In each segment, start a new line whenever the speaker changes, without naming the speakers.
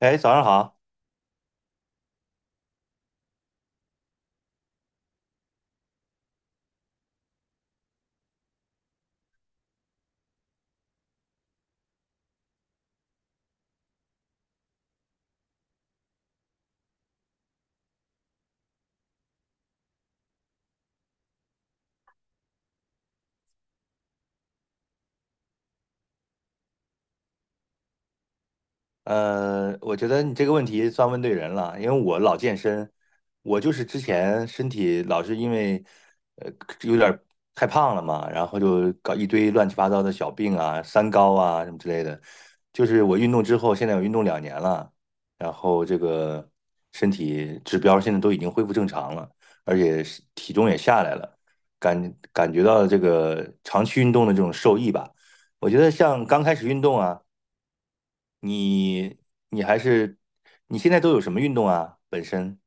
哎，早上好。我觉得你这个问题算问对人了，因为我老健身，我就是之前身体老是因为呃有点儿太胖了嘛，然后就搞一堆乱七八糟的小病啊、三高啊什么之类的。就是我运动之后，现在我运动2年了，然后这个身体指标现在都已经恢复正常了，而且是体重也下来了，感觉到这个长期运动的这种受益吧。我觉得像刚开始运动啊。你你还是你现在都有什么运动啊？本身？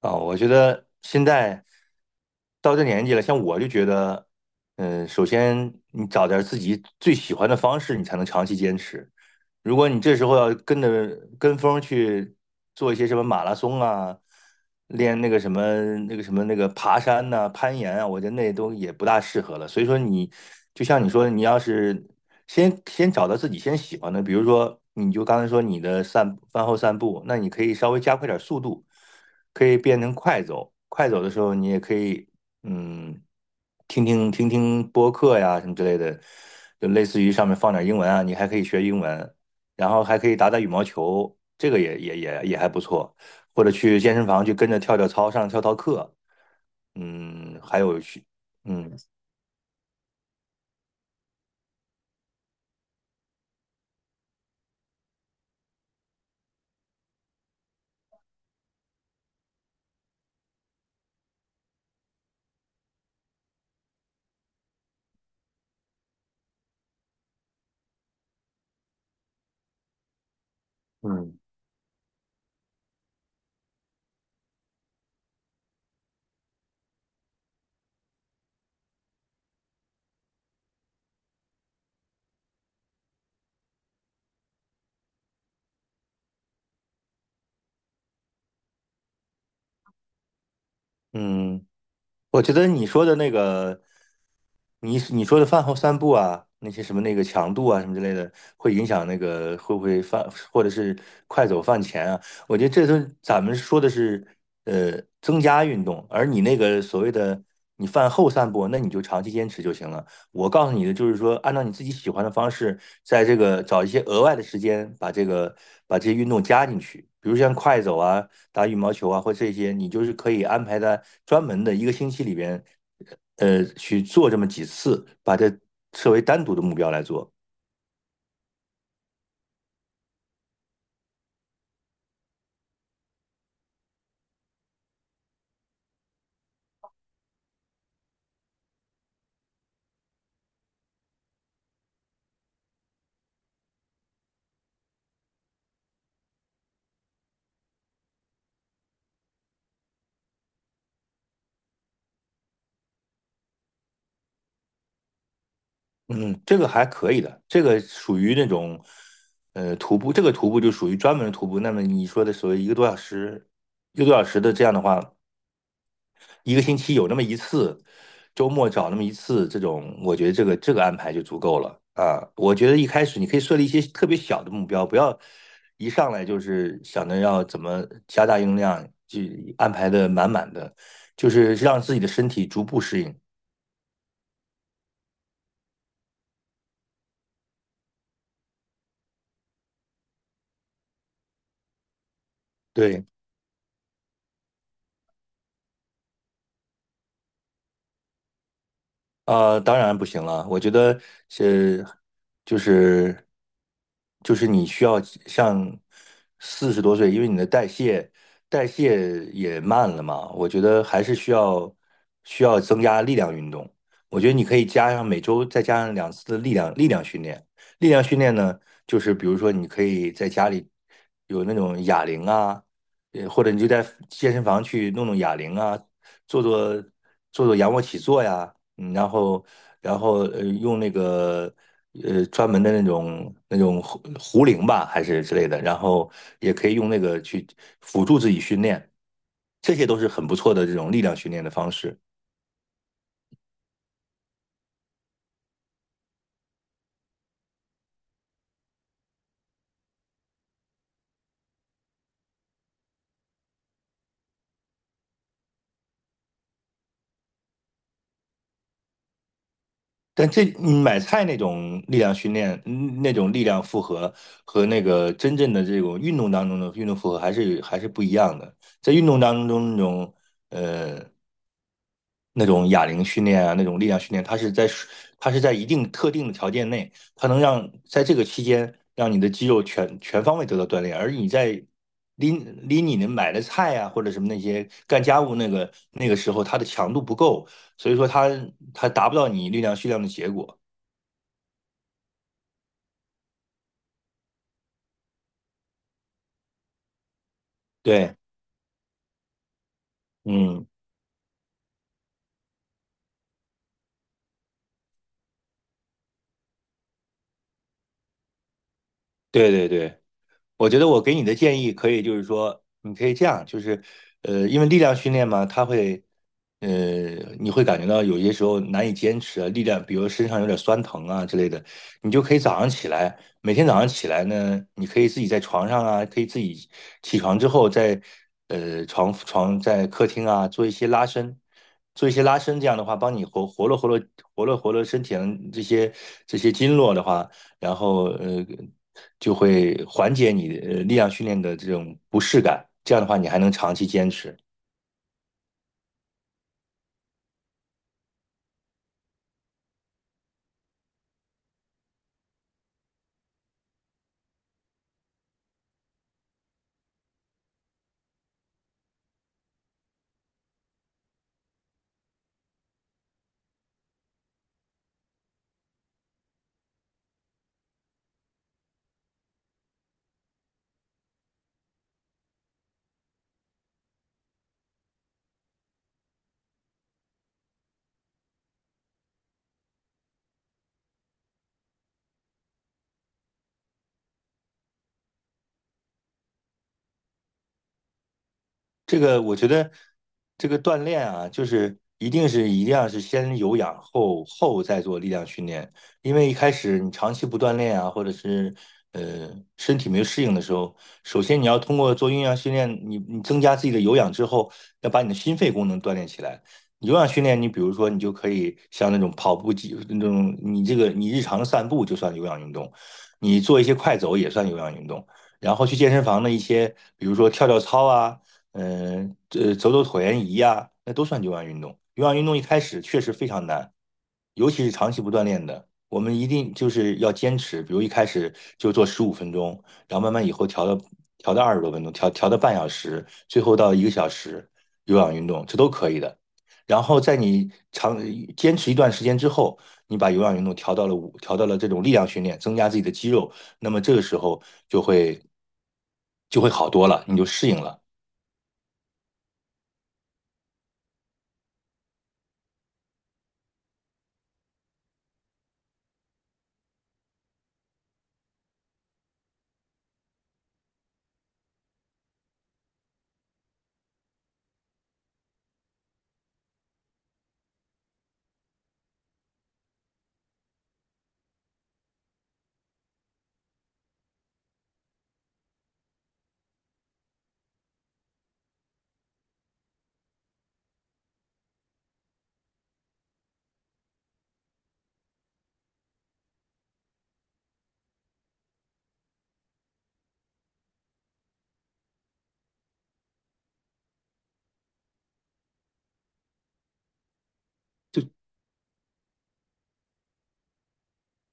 啊，我觉得现在到这年纪了，像我就觉得，首先你找点儿自己最喜欢的方式，你才能长期坚持。如果你这时候要跟着跟风儿去做一些什么马拉松啊，练那个什么那个什么那个爬山呐、攀岩啊，我觉得那都也不大适合了。所以说你就像你说的，你要是先找到自己先喜欢的，比如说你就刚才说你的饭后散步，那你可以稍微加快点儿速度。可以变成快走。快走的时候，你也可以，嗯，听听播客呀什么之类的，就类似于上面放点英文啊，你还可以学英文，然后还可以打打羽毛球，这个也还不错。或者去健身房去跟着跳跳操，上跳操课，还有去，嗯嗯嗯。我觉得你说的那个，你说的饭后散步啊，那些什么那个强度啊什么之类的，会影响那个会不会饭或者是快走饭前啊？我觉得这都咱们说的是增加运动，而你那个所谓的你饭后散步，那你就长期坚持就行了。我告诉你的就是说，按照你自己喜欢的方式，在这个找一些额外的时间把这些运动加进去，比如像快走啊，打羽毛球啊，或这些，你就是可以安排在专门的一个星期里边，去做这么几次，把它设为单独的目标来做。嗯，这个还可以的，这个属于那种，徒步，这个徒步就属于专门的徒步。那么你说的所谓一个多小时的这样的话，一个星期有那么一次，周末找那么一次，这种我觉得这个安排就足够了啊。我觉得一开始你可以设立一些特别小的目标，不要一上来就是想着要怎么加大运动量，就安排的满满的，就是让自己的身体逐步适应。对，当然不行了。我觉得是，就是就是你需要像40多岁，因为你的代谢也慢了嘛，我觉得还是需要增加力量运动。我觉得你可以加上每周再加上2次的力量训练。力量训练呢，就是比如说你可以在家里有那种哑铃啊，或者你就在健身房去弄弄哑铃啊，做做做做仰卧起坐呀，然后用那个专门的那种壶铃吧，还是之类的，然后也可以用那个去辅助自己训练，这些都是很不错的这种力量训练的方式。但这买菜那种力量训练，那种力量负荷和那个真正的这种运动当中的运动负荷还是不一样的。在运动当中呃那种哑铃训练啊，那种力量训练，它是在一定特定的条件内，它能让在这个期间让你的肌肉全方位得到锻炼，而你在拎拎你的买的菜啊或者什么那些干家务那个时候，它的强度不够，所以说它达不到你力量训练的结果。对，嗯，对对对。我觉得我给你的建议可以，就是说，你可以这样，就是，因为力量训练嘛，它会，呃，你会感觉到有些时候难以坚持啊，力量，比如身上有点酸疼啊之类的，你就可以早上起来，每天早上起来呢，你可以自己在床上啊，可以自己起床之后在，呃，床床在客厅啊做一些拉伸，这样的话，帮你活络活络身体上这些经络的话。然后就会缓解你力量训练的这种不适感。这样的话，你还能长期坚持。这个我觉得，这个锻炼啊，就是一定要是先有氧后再做力量训练，因为一开始你长期不锻炼啊，或者是呃身体没有适应的时候，首先你要通过做有氧训练，你增加自己的有氧之后，要把你的心肺功能锻炼起来。有氧训练，你比如说你就可以像那种跑步机那种，你这个你日常的散步就算有氧运动，你做一些快走也算有氧运动，然后去健身房的一些，比如说跳跳操啊。这走走椭圆仪呀、那都算有氧运动。有氧运动一开始确实非常难，尤其是长期不锻炼的，我们一定就是要坚持。比如一开始就做15分钟，然后慢慢以后调到20多分钟，调到半小时，最后到一个小时有氧运动，这都可以的。然后在你坚持一段时间之后，你把有氧运动调到了这种力量训练，增加自己的肌肉，那么这个时候就会就会好多了，你就适应了。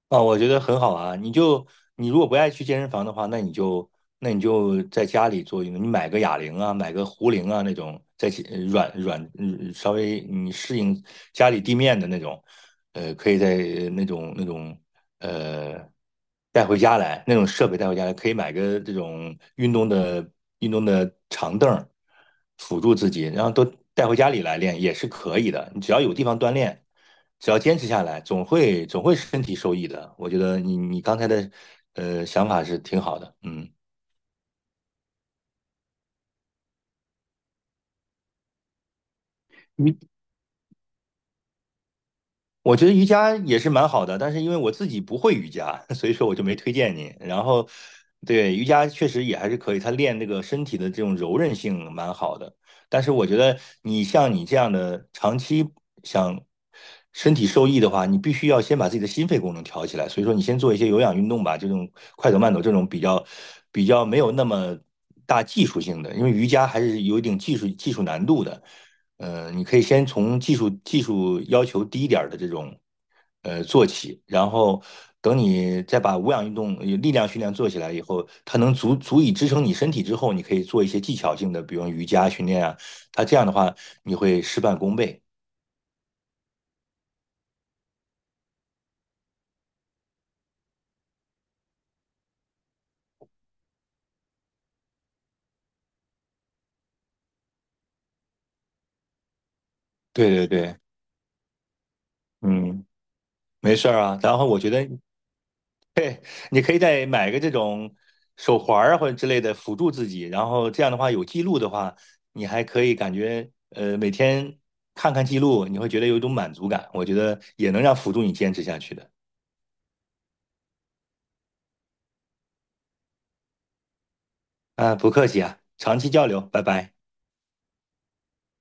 啊，我觉得很好啊。你如果不爱去健身房的话，那你就在家里做运动，你买个哑铃啊，买个壶铃啊那种，在其，软软嗯稍微你适应家里地面的那种，可以在呃那种那种呃带回家来，那种设备带回家来，可以买个这种运动的长凳儿辅助自己，然后都带回家里来练也是可以的。你只要有地方锻炼。只要坚持下来，总会身体受益的。我觉得你刚才的想法是挺好的，嗯。我觉得瑜伽也是蛮好的，但是因为我自己不会瑜伽，所以说我就没推荐你。然后，对，瑜伽确实也还是可以，它练那个身体的这种柔韧性蛮好的。但是我觉得你像你这样的长期想身体受益的话，你必须要先把自己的心肺功能调起来。所以说，你先做一些有氧运动吧，这种快走慢走这种比较没有那么大技术性的，因为瑜伽还是有一定技术难度的。你可以先从技术要求低一点儿的这种做起，然后等你再把无氧运动、力量训练做起来以后，它能足以支撑你身体之后，你可以做一些技巧性的，比如瑜伽训练啊，它这样的话你会事半功倍。对对对，嗯，没事儿啊。然后我觉得你可以再买个这种手环儿啊或者之类的辅助自己，然后这样的话有记录的话，你还可以感觉每天看看记录，你会觉得有一种满足感，我觉得也能让辅助你坚持下去的。啊，不客气啊，长期交流，拜拜。